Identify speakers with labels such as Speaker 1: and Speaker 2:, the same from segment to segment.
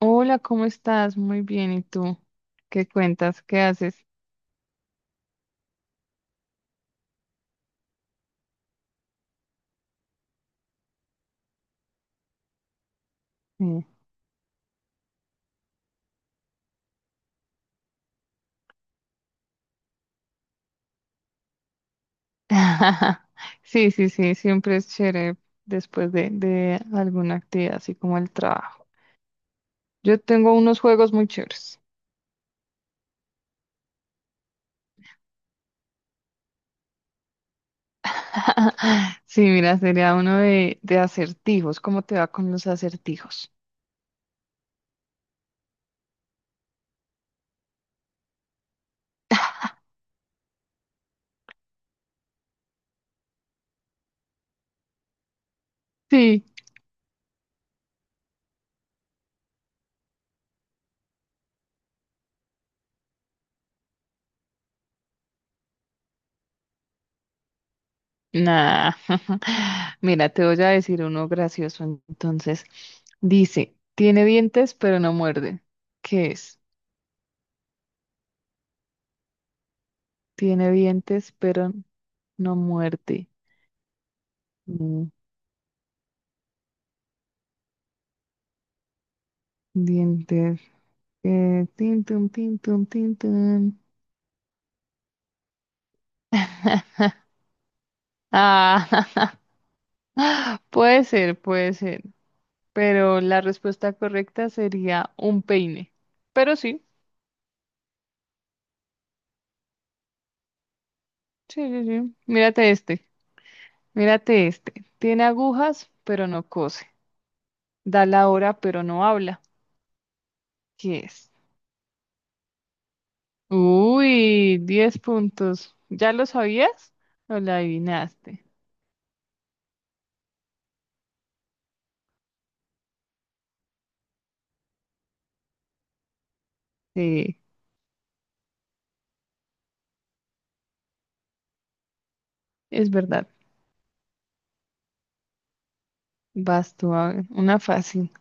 Speaker 1: Hola, ¿cómo estás? Muy bien, ¿y tú? ¿Qué cuentas? ¿Qué haces? Sí, sí, sí, sí, siempre es chévere después de alguna actividad, así como el trabajo. Yo tengo unos juegos muy chéveres. Sí, mira, sería uno de acertijos. ¿Cómo te va con los acertijos? Sí. Nah. Mira, te voy a decir uno gracioso. Entonces, dice, tiene dientes pero no muerde. ¿Qué es? Tiene dientes, pero no muerte. Mm, Dientes. Tin, tum, tin, tum, tin, tum. Ah, puede ser, puede ser. Pero la respuesta correcta sería un peine. Pero sí, sí, sí, sí. Mírate este, mírate este. Tiene agujas, pero no cose. Da la hora, pero no habla. ¿Qué es? Uy, 10 puntos. ¿Ya lo sabías? ¿O la adivinaste? Sí, es verdad. Vas tú, a ver, una fácil,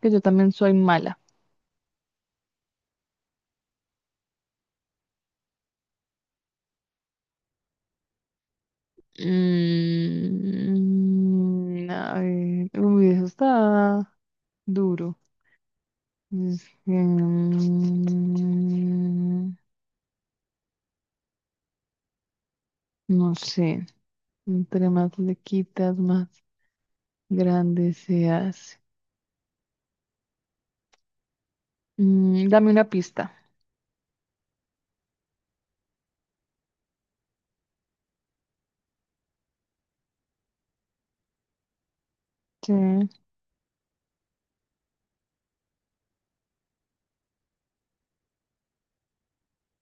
Speaker 1: que yo también soy mala. A ver, uy, eso está duro. Es que, no sé, entre más le quitas, más grande se hace. Dame una pista. Sí.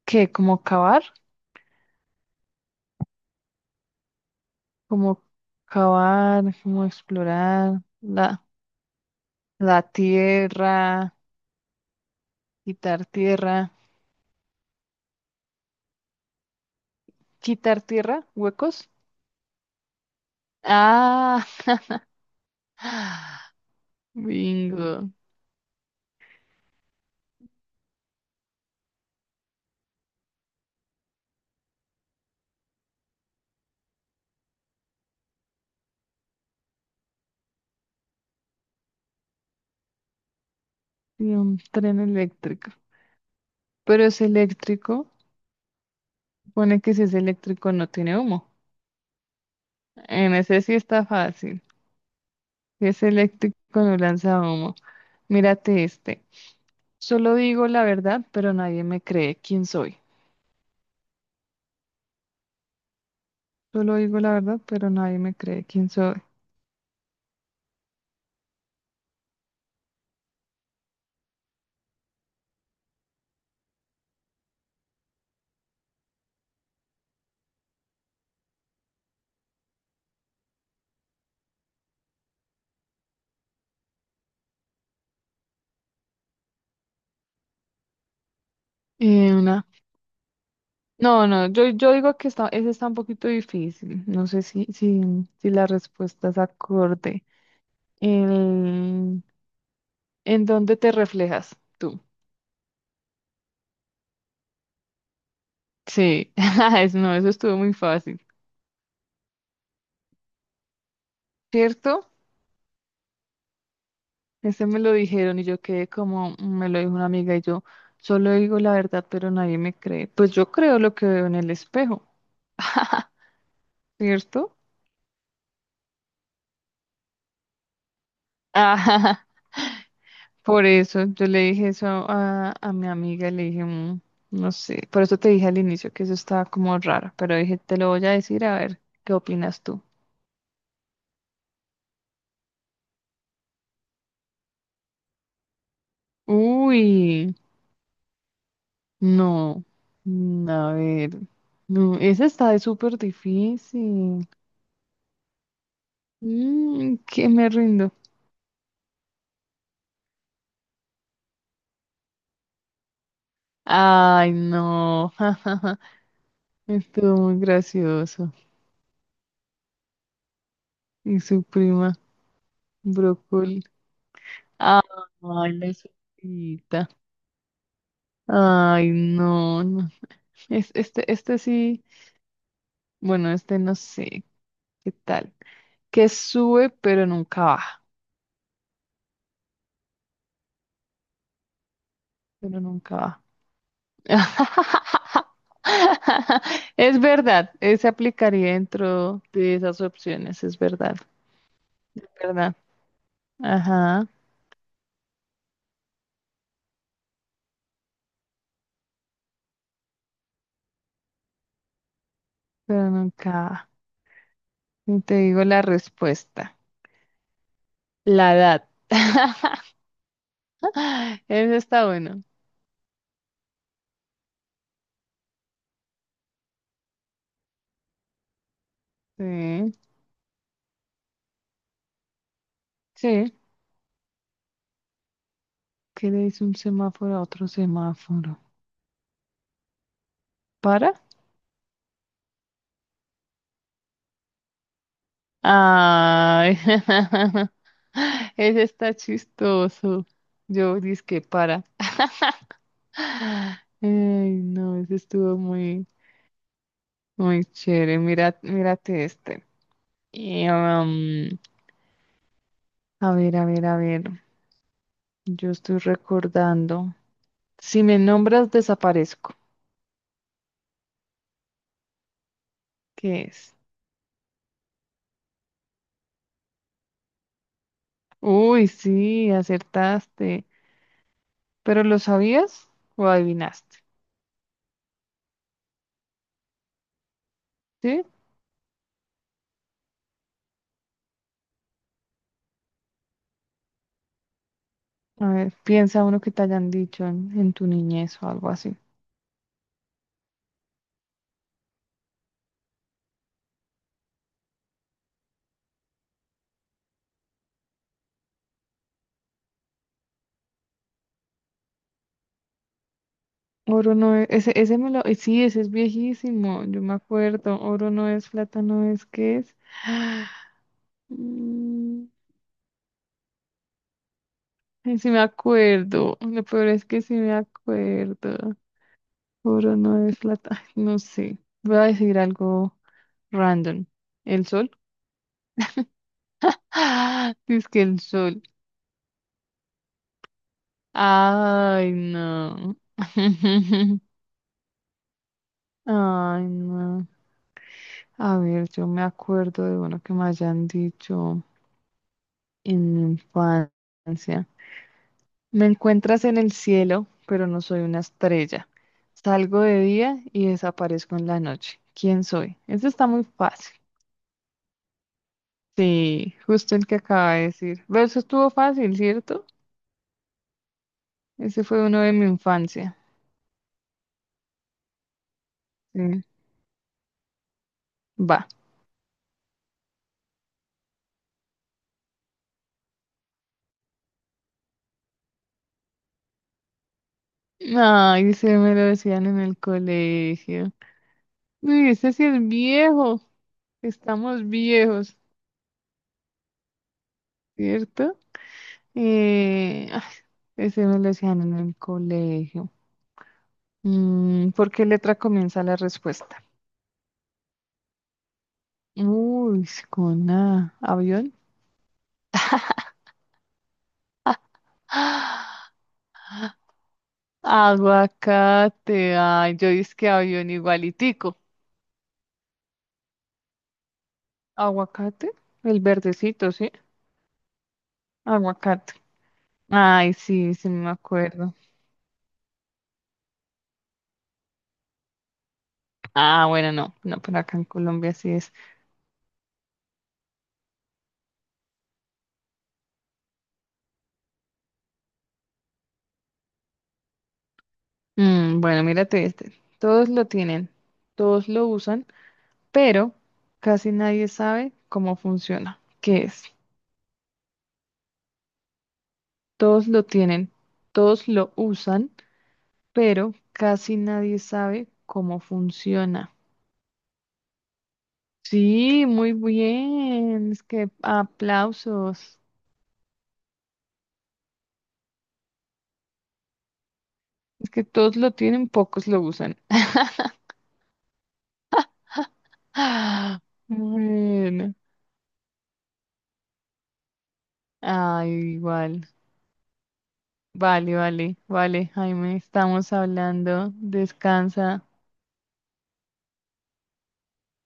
Speaker 1: ¿Qué? ¿Como cavar? ¿Como cavar? ¿Como explorar la tierra? Quitar tierra. ¿Quitar tierra? ¿Huecos? Ah, bingo. Y un tren eléctrico. Pero es eléctrico. Pone que si es eléctrico no tiene humo. En ese sí está fácil. Si es eléctrico no lanza humo. Mírate este. Solo digo la verdad, pero nadie me cree quién soy. Solo digo la verdad, pero nadie me cree quién soy. Una No, no, yo digo que está, ese está un poquito difícil. No sé si la respuesta es acorde. El- ¿En dónde te reflejas tú? Sí, no, eso estuvo muy fácil. ¿Cierto? Ese me lo dijeron y yo quedé como me lo dijo una amiga y yo solo digo la verdad, pero nadie me cree. Pues yo creo lo que veo en el espejo, ¿cierto? Por eso yo le dije eso a mi amiga, le dije, " no sé, por eso te dije al inicio que eso estaba como raro, pero dije, te lo voy a decir a ver qué opinas tú. Uy, no, a ver, no, esa está de súper difícil. Que me rindo. Ay, no, estuvo muy gracioso. Y su prima, brócoli. Ay, la sopita. Ay, no, no. Es, este sí, bueno, este no sé qué tal. Que sube, pero nunca baja. Pero nunca baja. Es verdad, se aplicaría dentro de esas opciones, es verdad, es verdad. Ajá, pero nunca. Ni te digo la respuesta, la edad. Eso está bueno. Sí, sí. ¿Qué le dice un semáforo a otro semáforo? ¿Para? Ay, ese está chistoso. Yo dizque para. Ay, no, ese estuvo muy, muy chévere. Mira, mírate este. Y, a ver, a ver, a ver. Yo estoy recordando. Si me nombras, desaparezco. ¿Qué es? Uy, sí, acertaste. ¿Pero lo sabías o adivinaste? ¿Sí? A ver, piensa uno que te hayan dicho en tu niñez o algo así. Oro no es, ese me lo, sí, ese es viejísimo, yo me acuerdo, oro no es, plata no es, ¿qué es? Mm, sí me acuerdo, lo peor es que sí me acuerdo, oro no es, plata, ay, no sé, voy a decir algo random, ¿el sol? Dice que el sol, ay no, ay no, a ver, yo me acuerdo de uno que me hayan dicho en mi infancia. Me encuentras en el cielo, pero no soy una estrella. Salgo de día y desaparezco en la noche. ¿Quién soy? Eso está muy fácil. Sí, justo el que acaba de decir. Pero eso estuvo fácil, ¿cierto? Ese fue uno de mi infancia. Sí, va. Ay, se me lo decían en el colegio. Uy, ese sí es viejo. Estamos viejos, ¿cierto? Eh, ah, ese me lo decían en el colegio. ¿Por qué letra comienza la respuesta? Uy, con A. ¿Avión? ¡Ah! Aguacate. Ay, yo dije que avión igualitico. ¿Aguacate? El verdecito, ¿sí? Aguacate. Ay, sí, sí me acuerdo. Ah, bueno, no, no, pero acá en Colombia sí es. Bueno, mírate este. Todos lo tienen, todos lo usan, pero casi nadie sabe cómo funciona. ¿Qué es? Todos lo tienen, todos lo usan, pero casi nadie sabe cómo funciona. Sí, muy bien. Es que aplausos. Es que todos lo tienen, pocos lo usan. Ah, bueno. Ay, igual. Vale, vale, vale, Jaime, estamos hablando. Descansa.